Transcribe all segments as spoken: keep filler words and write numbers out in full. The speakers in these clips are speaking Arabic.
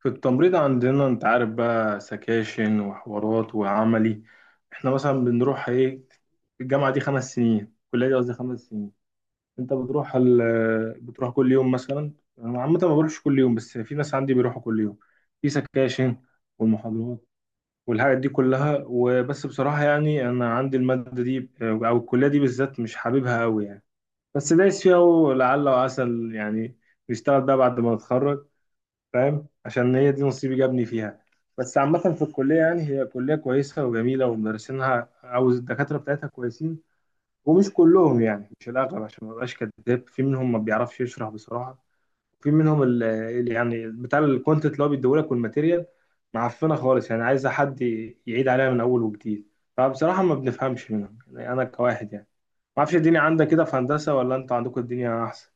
في التمريض عندنا انت عارف بقى سكاشن وحوارات وعملي. احنا مثلا بنروح ايه. الجامعة دي خمس سنين، الكلية دي قصدي خمس سنين. انت بتروح ال... بتروح كل يوم مثلا. انا عامة ما بروحش كل يوم، بس في ناس عندي بيروحوا كل يوم. في سكاشن والمحاضرات والحاجات دي كلها، وبس بصراحة يعني انا عندي المادة دي او الكلية دي بالذات مش حاببها قوي يعني. بس دايس فيها ولعل وعسى يعني نشتغل بقى بعد ما نتخرج، فاهم؟ عشان هي دي نصيبي جابني فيها. بس عامة في الكلية يعني هي كلية كويسة وجميلة ومدرسينها أو الدكاترة بتاعتها كويسين. ومش كلهم يعني، مش الأغلب عشان ما أبقاش كداب، في منهم ما بيعرفش يشرح بصراحة. في منهم اللي يعني بتاع الكونتنت اللي هو بيديهولك والماتيريال معفنة خالص يعني، عايزة حد يعيد عليها من أول وجديد. فبصراحة ما بنفهمش منهم يعني، أنا كواحد يعني. ما أعرفش الدنيا عندك كده في هندسة، ولا أنتوا عندكم الدنيا أحسن؟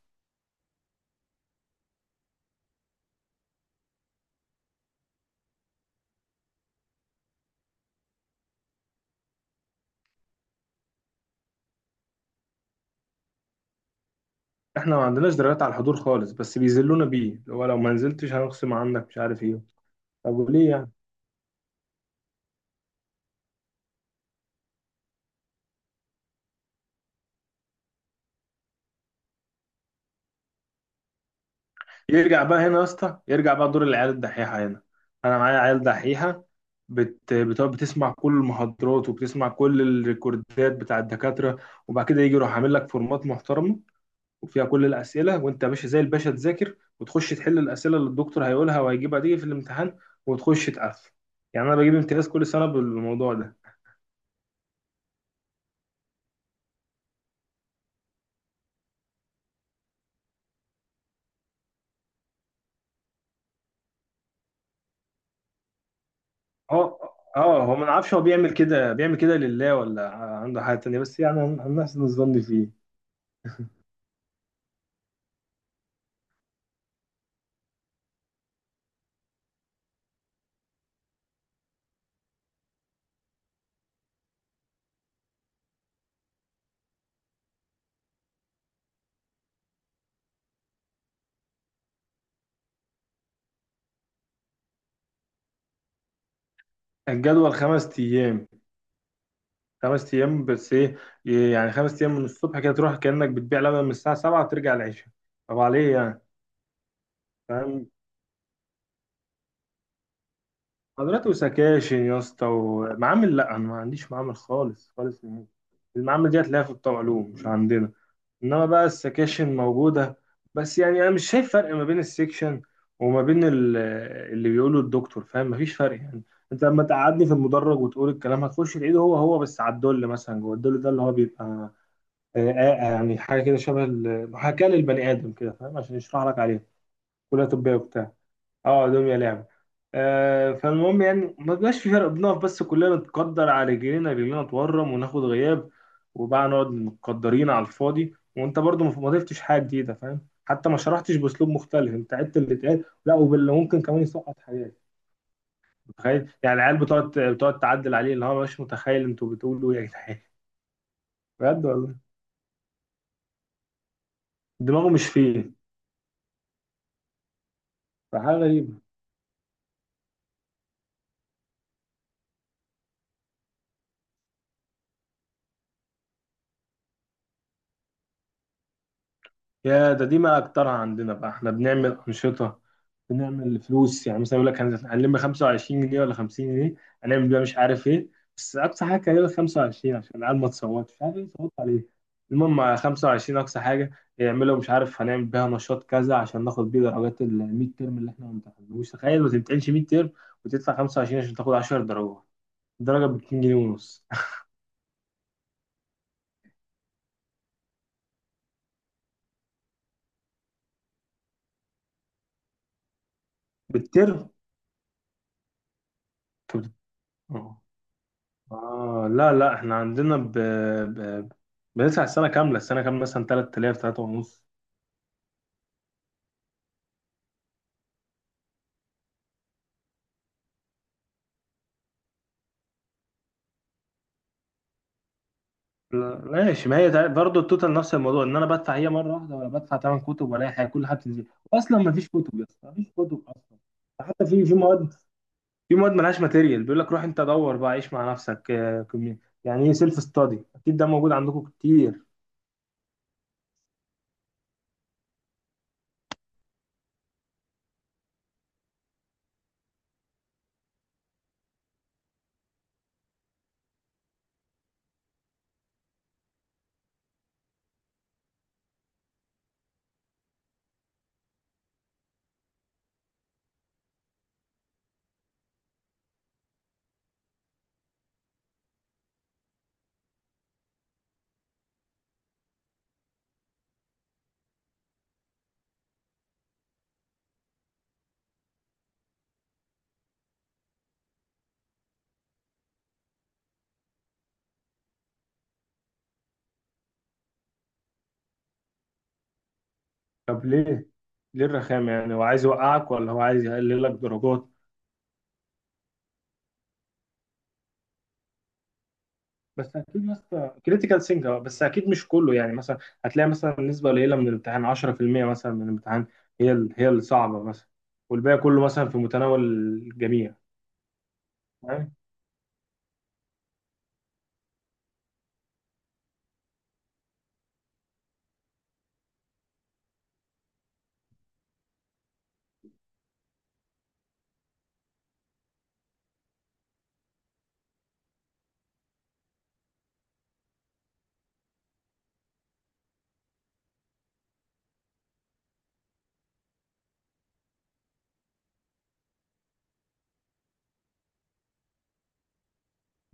احنا ما عندناش درجات على الحضور خالص، بس بيذلونا بيه اللي هو لو ما نزلتش هنخصم عنك مش عارف ايه. طب وليه يعني؟ يرجع بقى هنا يا اسطى، يرجع بقى دور العيال الدحيحه هنا. انا معايا عيال دحيحه. بت... بتقعد بتسمع كل المحاضرات وبتسمع كل الريكوردات بتاع الدكاتره. وبعد كده يجي يروح عامل لك فورمات محترمه وفيها كل الاسئله، وانت يا باشا زي الباشا تذاكر وتخش تحل الاسئله اللي الدكتور هيقولها وهيجيبها دي في الامتحان وتخش تقفل. يعني انا بجيب امتياز كل سنه بالموضوع ده. هو اه هو ما نعرفش هو بيعمل كده بيعمل كده لله ولا عنده حاجة تانية، بس يعني هن- هنحسن الظن فيه. الجدول خمس أيام. خمس أيام بس إيه يعني؟ خمس أيام من الصبح كده تروح كأنك بتبيع لبن من الساعة سبعة وترجع العشاء. طب عليه يعني. فاهم. حضرتك وسكاشن يا اسطى ومعامل. لا أنا ما عنديش معامل خالص خالص نهائي. المعامل دي هتلاقيها في الطوعلوم مش عندنا. انما بقى السكاشن موجوده، بس يعني انا مش شايف فرق ما بين السكشن وما بين ال- اللي بيقوله الدكتور. فاهم؟ مفيش فرق يعني. انت لما تقعدني في المدرج وتقول الكلام هتخش تعيده هو هو، بس على الدل مثلا، جوه الدل ده اللي هو بيبقى آه، آه، يعني حاجه كده شبه ال- محاكاه للبني ادم كده، فاهم؟ عشان يشرح لك عليه. كليه طبيه وبتاع. اه، دمية لعبة. آه، فالمهم يعني ما بيبقاش في فرق. بنقف بس كلنا، نتقدر على رجلينا، رجلينا تورم وناخد غياب، وبقى نقعد متقدرين على الفاضي، وانت برضو ما ما ضفتش حاجة جديدة. فاهم؟ حتى ما شرحتش باسلوب مختلف، انت عدت اللي اتقال لا وباللي ممكن كمان يسقط حاجات. متخيل يعني؟ العيال بتقعد بتقعد تعدل عليه اللي هو مش متخيل، انتوا بتقولوا ايه يا جدعان. بجد والله. دماغه مش فيه. فحاجة غريبة. يا ده، دي ما اكترها عندنا بقى. احنا بنعمل انشطه، بنعمل فلوس، يعني مثلا يقول لك هن- هنلم خمسة وعشرين جنيه ولا خمسين جنيه، هنعمل بيها مش عارف ايه. بس اقصى حاجه كان يقول لك خمسة وعشرين عشان العيال ما تصوتش مش عارف ايه، صوت عليه. المهم على خمسة وعشرين اقصى حاجه. يعملوا مش عارف هنعمل بيها نشاط كذا عشان ناخد بيه درجات ال مية ترم اللي احنا ما امتحناهوش. تخيل ما تمتحنش مية ترم وتدفع خمسة وعشرين عشان تاخد عشرة درجات. درجه ب اتنين جنيه ونص بالترم. اه، لا لا احنا عندنا ب... ب... بندفع السنه كامله. السنه كامله مثلا ثلاثة آلاف، ثلاثة ونص. لا ماشي، ما هي تع- برضه التوتال نفس الموضوع، ان انا بدفع هي مره واحده ولا بدفع ثمان كتب ولا أي حاجه كل حاجه بتنزل. اصلا ما فيش كتب يا اسطى، ما فيش كتب اصلا. حتى في في مواد، في مواد مالهاش ماتيريال، بيقول لك روح انت دور بقى عيش مع نفسك آه، كمية. يعني ايه سيلف ستادي، اكيد ده موجود عندكم كتير. طب ليه؟ ليه الرخامه يعني؟ هو عايز يوقعك ولا هو عايز يقلل لك درجات؟ بس اكيد مثلا كريتيكال سينجر، بس اكيد مش كله يعني. مثلا هتلاقي مثلا نسبه قليله من الامتحان عشرة في المية مثلا من الامتحان هي ال- هي الصعبه مثلا، والباقي كله مثلا في متناول الجميع. فاهم.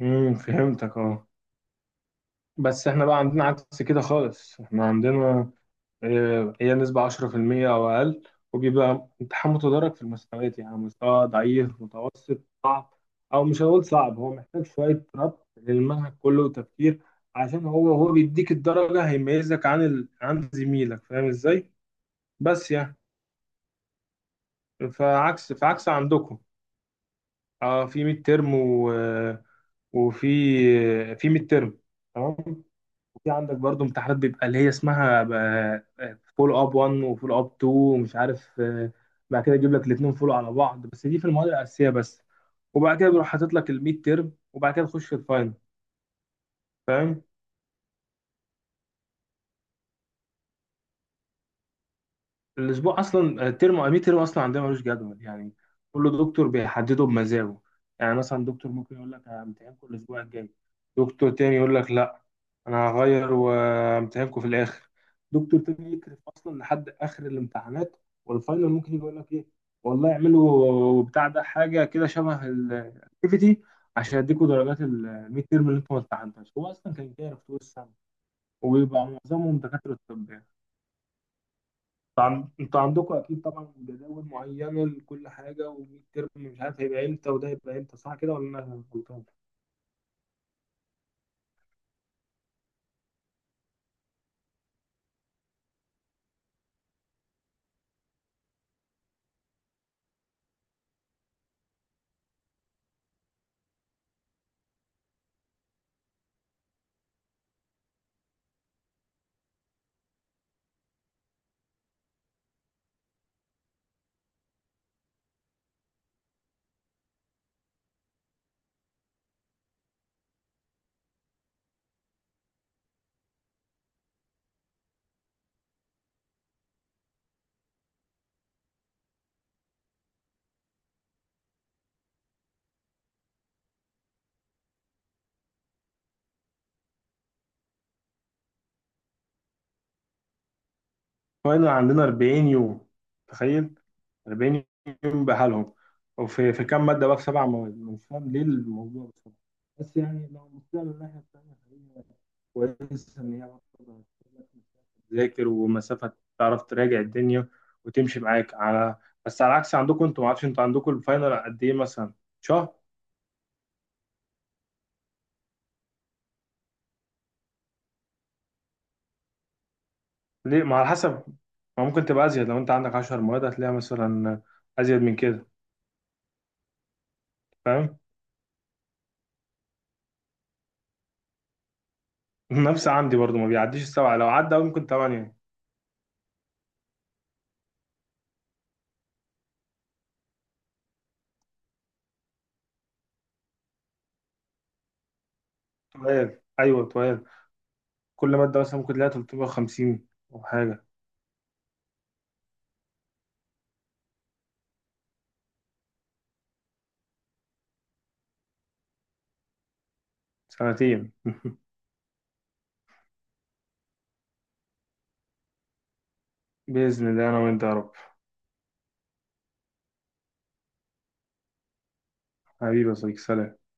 امم، فهمتك اه. بس احنا بقى عندنا عكس كده خالص. احنا عندنا آه، هي نسبة عشرة في المية أو أقل، وبيبقى امتحان متدرج في المستويات، يعني مستوى ضعيف متوسط صعب. أو مش هقول صعب، هو محتاج شوية ربط للمنهج كله وتفكير، عشان هو هو بيديك الدرجة هيميزك عن ال... عن زميلك. فاهم إزاي؟ بس يعني فعكس فعكس عندكم. اه في ميد ترم و... آه، وفي آه، في ميد ترم. تمام. وفي عندك برضو امتحانات بيبقى اللي هي اسمها فول اب واحد وفول اب اتنين ومش عارف آه، بعد كده يجيب لك الاثنين فول على بعض، بس دي في المواد الاساسيه بس. وبعد كده بيروح حاطط لك الميد تيرم وبعد كده تخش الفاينل. فاهم. الاسبوع اصلا الترم امي ترم اصلا عندنا ملوش جدول يعني. كل دكتور بيحدده بمزاجه. يعني مثلا دكتور ممكن يقول لك همتحنكم الاسبوع الجاي. دكتور تاني يقول لك لا، انا هغير وامتحانكم في الاخر. دكتور تاني يكرف اصلا لحد اخر الامتحانات. والفاينل ممكن يقول لك ايه والله، اعملوا بتاع ده حاجه كده شبه الاكتيفيتي عشان يديكوا درجات الميد تيرم اللي انتوا ما امتحنتهاش، هو اصلا كان كارف طول السنه. وبيبقى معظمهم دكاتره، طب يعني. عن- انتوا عندكم اكيد طبعا جداول معينه لكل حاجه، وميد ترم مش عارف هيبقى امتى وده هيبقى امتى، صح كده ولا انا غلطان؟ فاينل عندنا أربعين يوم. تخيل، أربعين يوم بحالهم. وفي في كام ماده بقى؟ في سبع مواد مش فاهم ليه الموضوع بصراحه. بس يعني لو بصينا من الناحيه الثانيه، فهي كويسه ان هي برضه هتسيب لك مسافة تذاكر ومسافه تعرف تراجع الدنيا وتمشي معاك على. بس على عكس عندكم، انتوا ما اعرفش انتوا عندكم الفاينل قد ايه مثلا؟ شهر. ليه؟ ما على حسب، ما ممكن تبقى ازيد لو انت عندك عشرة مواد هتلاقيها مثلا ازيد من كده. فاهم. نفس عندي برضو ما بيعديش السبعه، لو عدى أوي ممكن ثمانيه. تويل، ايوه تويل. كل ماده مثلا ممكن تلاقيها تلتمية وخمسين او حاجه. سنتين باذن الله انا وانت يا رب. حبيبي يا صديقي، سلام.